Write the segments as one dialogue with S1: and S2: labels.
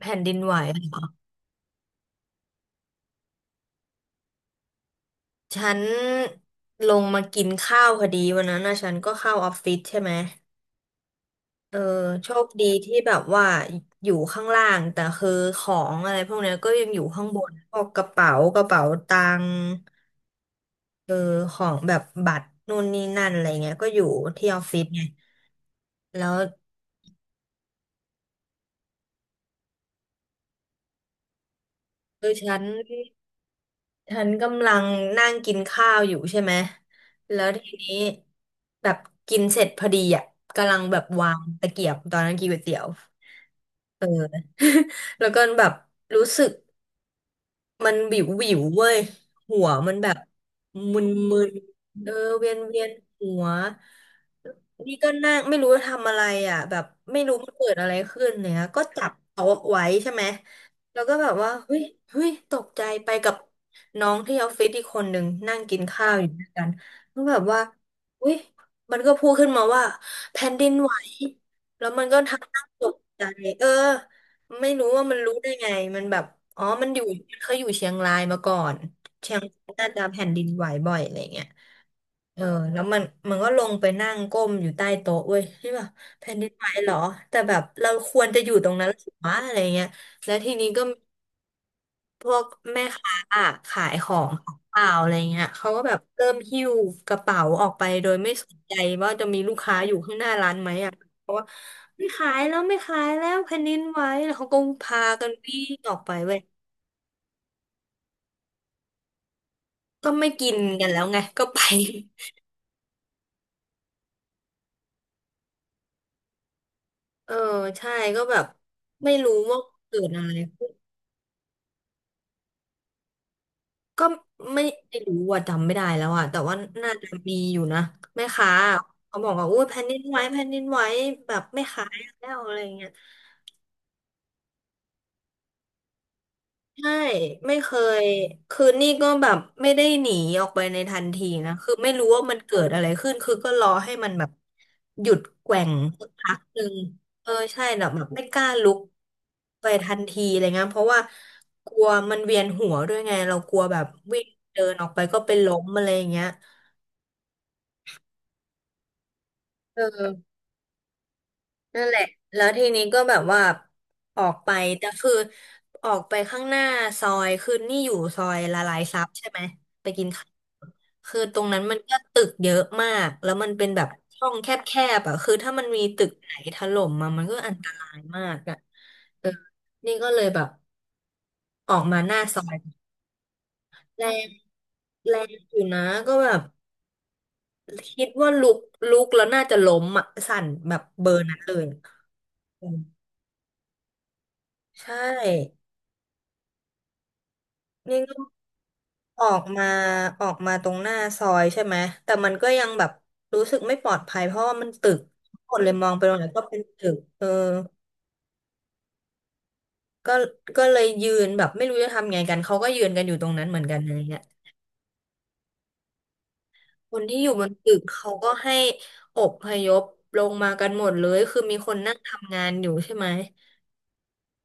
S1: แผ่นดินไหวอะฉันลงมากินข้าวพอดีวันนั้นนะฉันก็เข้าออฟฟิศใช่ไหมเออโชคดีที่แบบว่าอยู่ข้างล่าง แต่คือของอะไรพวกเนี้ยก็ยังอยู่ข้างบนพวกกระเป๋ากระเป๋าตังค์เออของแบบบัตรนู่นนี่นั่นอะไรเงี้ยก็อยู่ที่ออฟฟิศไงแล้วคือฉันกำลังนั่งกินข้าวอยู่ใช่ไหมแล้วทีนี้แบบกินเสร็จพอดีอ่ะกำลังแบบวางตะเกียบตอนนั้นกินก๋วยเตี๋ยว เออ แล้วก็แบบรู้สึก มันวิววิวเว้ยหัวมันแบบมึนมึนเออเวียนเวียนหัวนี่ก็นั่งไม่รู้จะทำอะไรอ่ะแบบไม่รู้มันเกิดอะไรขึ้นเนี่ยก็จับโต๊ะไว้ใช่ไหมแล้วก็แบบว่าเฮ้ยเฮ้ยตกใจไปกับน้องที่ออฟฟิศอีกคนหนึ่งนั่งกินข้าวอยู่ด้วยกันก็แบบว่าเฮ้ยมันก็พูดขึ้นมาว่าแผ่นดินไหวแล้วมันก็ทำหน้าตกใจเออ ไม่รู้ว่ามันรู้ได้ไงมันแบบอ๋อมันอยู่มันเคยอยู่เชียงรายมาก่อนเชียงรายน่าจะแผ่นดินไหวบ่อยอะไรเงี้ยเออแล้วมันก็ลงไปนั่งก้มอยู่ใต้โต๊ะเว้ยที่แบบแผ่นดินไหวเหรอ แต่แบบเราควรจะอยู่ตรงนั้นหรือวะอะไรเงี้ยแล้วทีนี้ก็ พวกแม่ค้าขายของของเปล่าอะไรเงี้ยเขาก็แบบเริ่มหิ้วกระเป๋าออกไปโดยไม่สนใจว่าจะมีลูกค้าอยู่ข้างหน้าร้านไหมอ่ะเพราะว่าไม่ขายแล้วไม่ขายแล้วแผ่นดินไหวแล้วเขาก็พากันวิ่งออกไปเว้ยก็ไม่กินกันแล้วไงก็ไป เออใช่ก็แบบไม่รู้ว่าเกิดอะไรขึ้นก็ไม่รู้ว่าจำไม่ได้แล้วอ่ะแต่ว่าน่าจะมีอยู่นะแม่ค้าเขาบอกว่าอุ้ยแผ่นดินไหวแผ่นดินไหวแบบไม่ขายแล้วอะไรเงี้ย ใช่ไม่เคยคือนี่ก็แบบไม่ได้หนีออกไปในทันทีนะคือไม่รู้ว่ามันเกิดอะไรขึ้นคือก็รอให้มันแบบหยุดแกว่งสักพักหนึ่งเออใช่แบบแบบไม่กล้าลุกไปทันทีอะไรเงี้ยเพราะว่ากลัวมันเวียนหัวด้วยไงเรากลัวแบบวิ่งเดินออกไปก็เป็นล้มอะไรอย่างเงี้ยเออนั่นแหละแล้วทีนี้ก็แบบว่าออกไปแต่คือออกไปข้างหน้าซอยคือนี่อยู่ซอยละลายซับใช่ไหมไปกินข้าว คือตรงนั้นมันก็ตึกเยอะมากแล้วมันเป็นแบบช่องแคบๆอ่ะคือถ้ามันมีตึกไหนถล่มมามันก็อันตรายมากอ่ะเออนี่ก็เลยแบบออกมาหน้าซอยแรงแรงอยู่นะก็แบบคิดว่าลุกลุกแล้วน่าจะล้มอ่ะสั่นแบบเบอร์นั้นเลยอะอืมใช่ นี่ก็ออกมาออกมาตรงหน้าซอยใช่ไหมแต่มันก็ยังแบบรู้สึกไม่ปลอดภัยเพราะว่ามันตึกทั้งหมดเลยมองไปตรงไหนก็เป็นตึกเออ ก็ก็เลยยืนแบบไม่รู้จะทำไงกันเขาก็ยืนกันอยู่ตรงนั้นเหมือนกันอะไรเงี้ยคนที่อยู่บนตึกเขาก็ให้อพยพลงมากันหมดเลยคือมีคนนั่งทำงานอยู่ใช่ไหม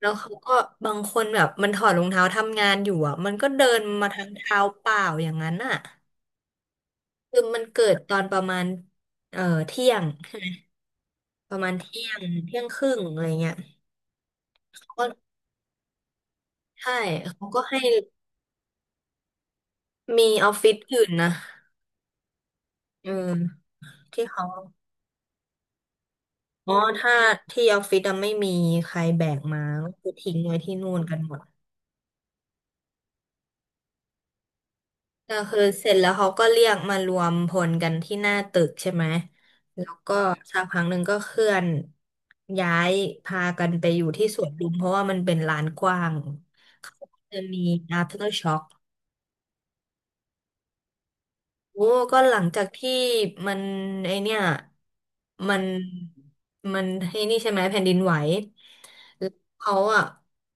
S1: แล้วเขาก็บางคนแบบมันถอดรองเท้าทำงานอยู่อ่ะมันก็เดินมาทางเท้าเปล่าอย่างนั้นอ่ะคือมันเกิดตอนประมาณเอ่อเที่ยงใช่ไหมประมาณเที่ยงเที่ยงครึ่งอะไรเงี้ยเขาก็ใช่เขาก็ให้มีออฟฟิศอื่นนะเออที่เขา อ๋อถ้าที่ออฟฟิศอะไม่มีใครแบกมาก็คือทิ้งไว้ที่นู่นกันหมดก็คือเสร็จแล้วเขาก็เรียกมารวมพลกันที่หน้าตึกใช่ไหม แล้วก็สักพักหนึ่งก็เคลื่อนย้ายพากันไปอยู่ที่สวนลุมเพราะว่ามันเป็นลานกว้าง เขาก็จะมี after shock โอ้ก็หลังจากที่มันไอเนี่ยมันมันไอนี่ใช่ไหมแผ่นดินไหวแล้วเขาอ่ะ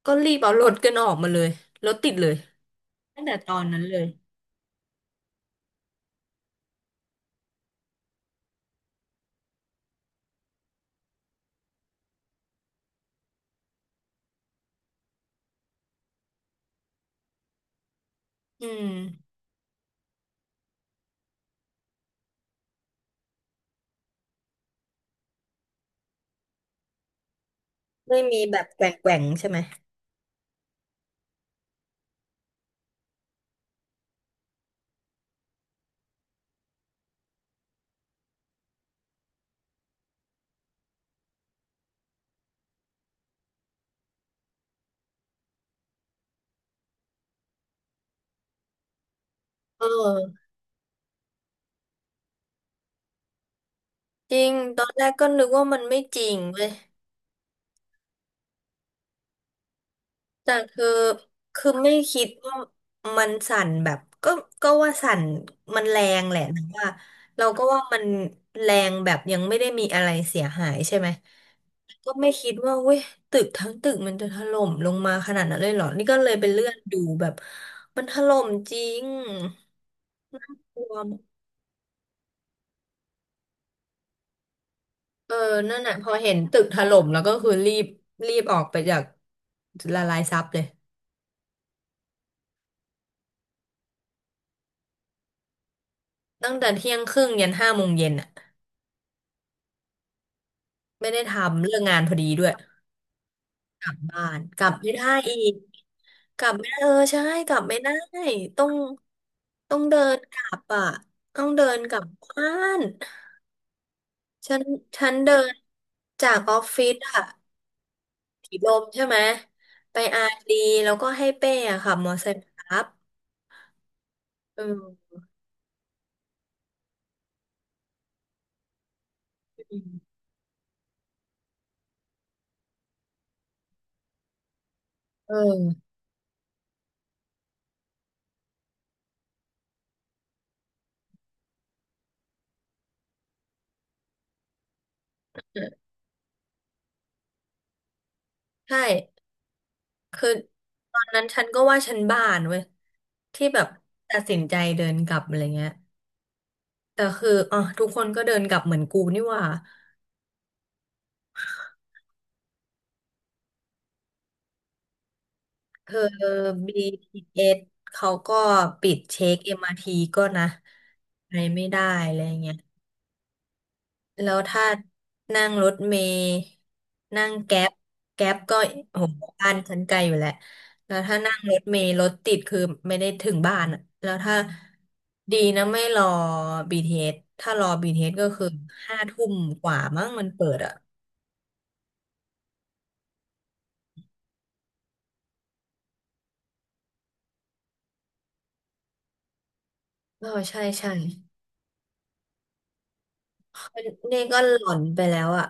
S1: ก็รีบเอารถกันออกมาเลยรถติดเลยตั้งแต่ตอนนั้นเลยอืมไม่มีแบบแกว่งแกว่งใช่ไหมเออจริงตอนแรกก็นึกว่ามันไม่จริงเว้ย แต่คือคือไม่คิดว่ามันสั่นแบบก็ก็ว่าสั่นมันแรงแหละแต่ว่าเราก็ว่ามันแรงแบบยังไม่ได้มีอะไรเสียหายใช่ไหมก็ไม่คิดว่าเว้ยตึกทั้งตึกมันจะถล่มลงมาขนาดนั้นเลยเหรอนี่ก็เลยไปเลื่อนดูแบบมันถล่มจริงนากลัวมเออนั่นแหละพอเห็นตึกถล่มแล้วก็คือรีบออกไปจากละลายซับเลยตั้งแต่เที่ยงครึ่งยัน17:00 น.อะ ไม่ได้ทำเรื่องงานพอดีด้วยกลับบ้านกลับไม่ได้อีกกลับไม่ได้เออใช่กลับไม่ได้ต้องต้องเดินกลับอ่ะต้องเดินกลับบ้านฉันเดินจากออฟฟิศอะถีบลมใช่ไหมไปอาร์ดีแล้วก็ให้เป้อะค่ะมอเตอร์ไซค์ครับเออเออใช่คือตอนนั้นฉันก็ว่าฉันบ้านเว้ยที่แบบตัดสินใจเดินกลับอะไรเงี้ย แต่คืออ่ะทุกคนก็เดินกลับเหมือนกูนี่หว่าเธอ BTS เอสเขาก็ปิดเช็ค MRT ก็นะไปไม่ได้อะไรเงี้ยแล้วถ้านั่งรถเมล์นั่งแก๊ปก็โอหบ้านฉันไกลอยู่แหละแล้วถ้านั่งรถเมล์รถติดคือไม่ได้ถึงบ้านอะแล้วถ้าดีนะไม่รอ BTS ถ้ารอ BTS ก็คือห้าทุ่มกว่ามั้งมันเปิดอ่ะเออใช่ใช่ นี่ก็หล่อนไปแล้วอ่ะ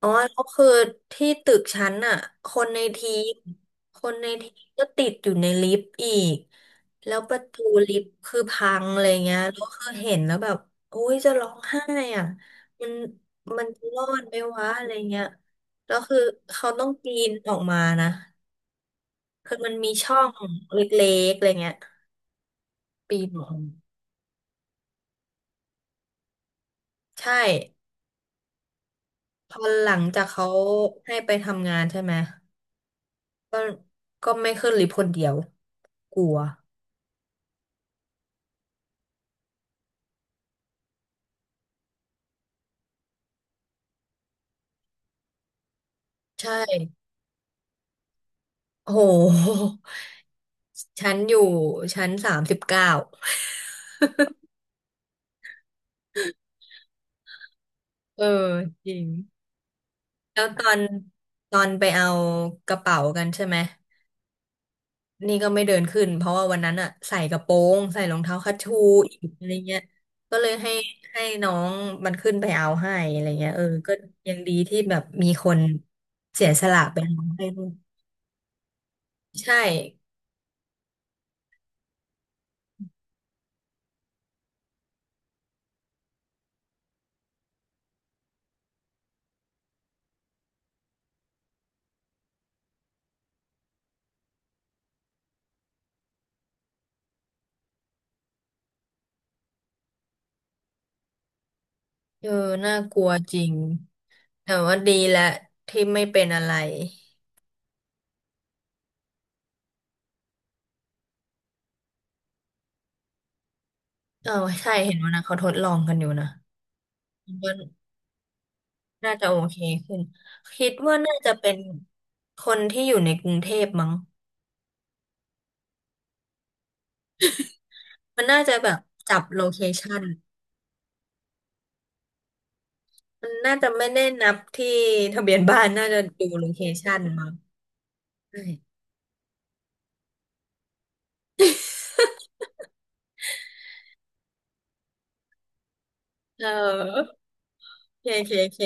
S1: อ๋อแล้วคือที่ตึกชั้นอ่ะคนในทีมก็ติดอยู่ในลิฟต์อีก แล้วประตูลิฟต์คือพังอะไรเงี้ยแล้วคือเห็นแล้วแบบโอ้ยจะร้องไห้อ่ะมันจะรอดไหมวะอะไรเงี้ยแล้วคือเขาต้องปีนออกมานะคือมันมีช่องเล็กๆอะไรเงี้ยปีนออกมาใช่ พอหลังจากเขาให้ไปทำงานใช่ไหม ก็ก็ไม่ขึ้นลิฟต์คนเดียวกลัวใช่โอ้โหชั้นอยู่ชั้น39เออจริงแล้วตอนไปเอากระเป๋ากันใช่ไหมนี่ก็ไม่เดินขึ้นเพราะว่าวันนั้นอะใส่กระโปรงใส่รองเท้าคัชชูอีกอะไรเงี้ยก็เลยให้น้องมันขึ้นไปเอาให้อะไรเงี้ยเออก็ยังดีที่แบบมีคนเสียสละไปเอาให้ด้วยใช่ เออน่ากลัวจริง แต่ว่าดีแหละที่ไม่เป็นอะไรเออใช่เห็นว่านะเขาทดลองกันอยู่นะคิดว่าน่าจะโอเคขึ้นคิดว่าน่าจะเป็นคนที่อยู่ในกรุงเทพมั้งมันน่าจะแบบจับโลเคชันมันน่าจะไม่ได้นับที่ทะเบียนบ้านน่าจะดูโลเคชันมั้งใช่เออเคเคเค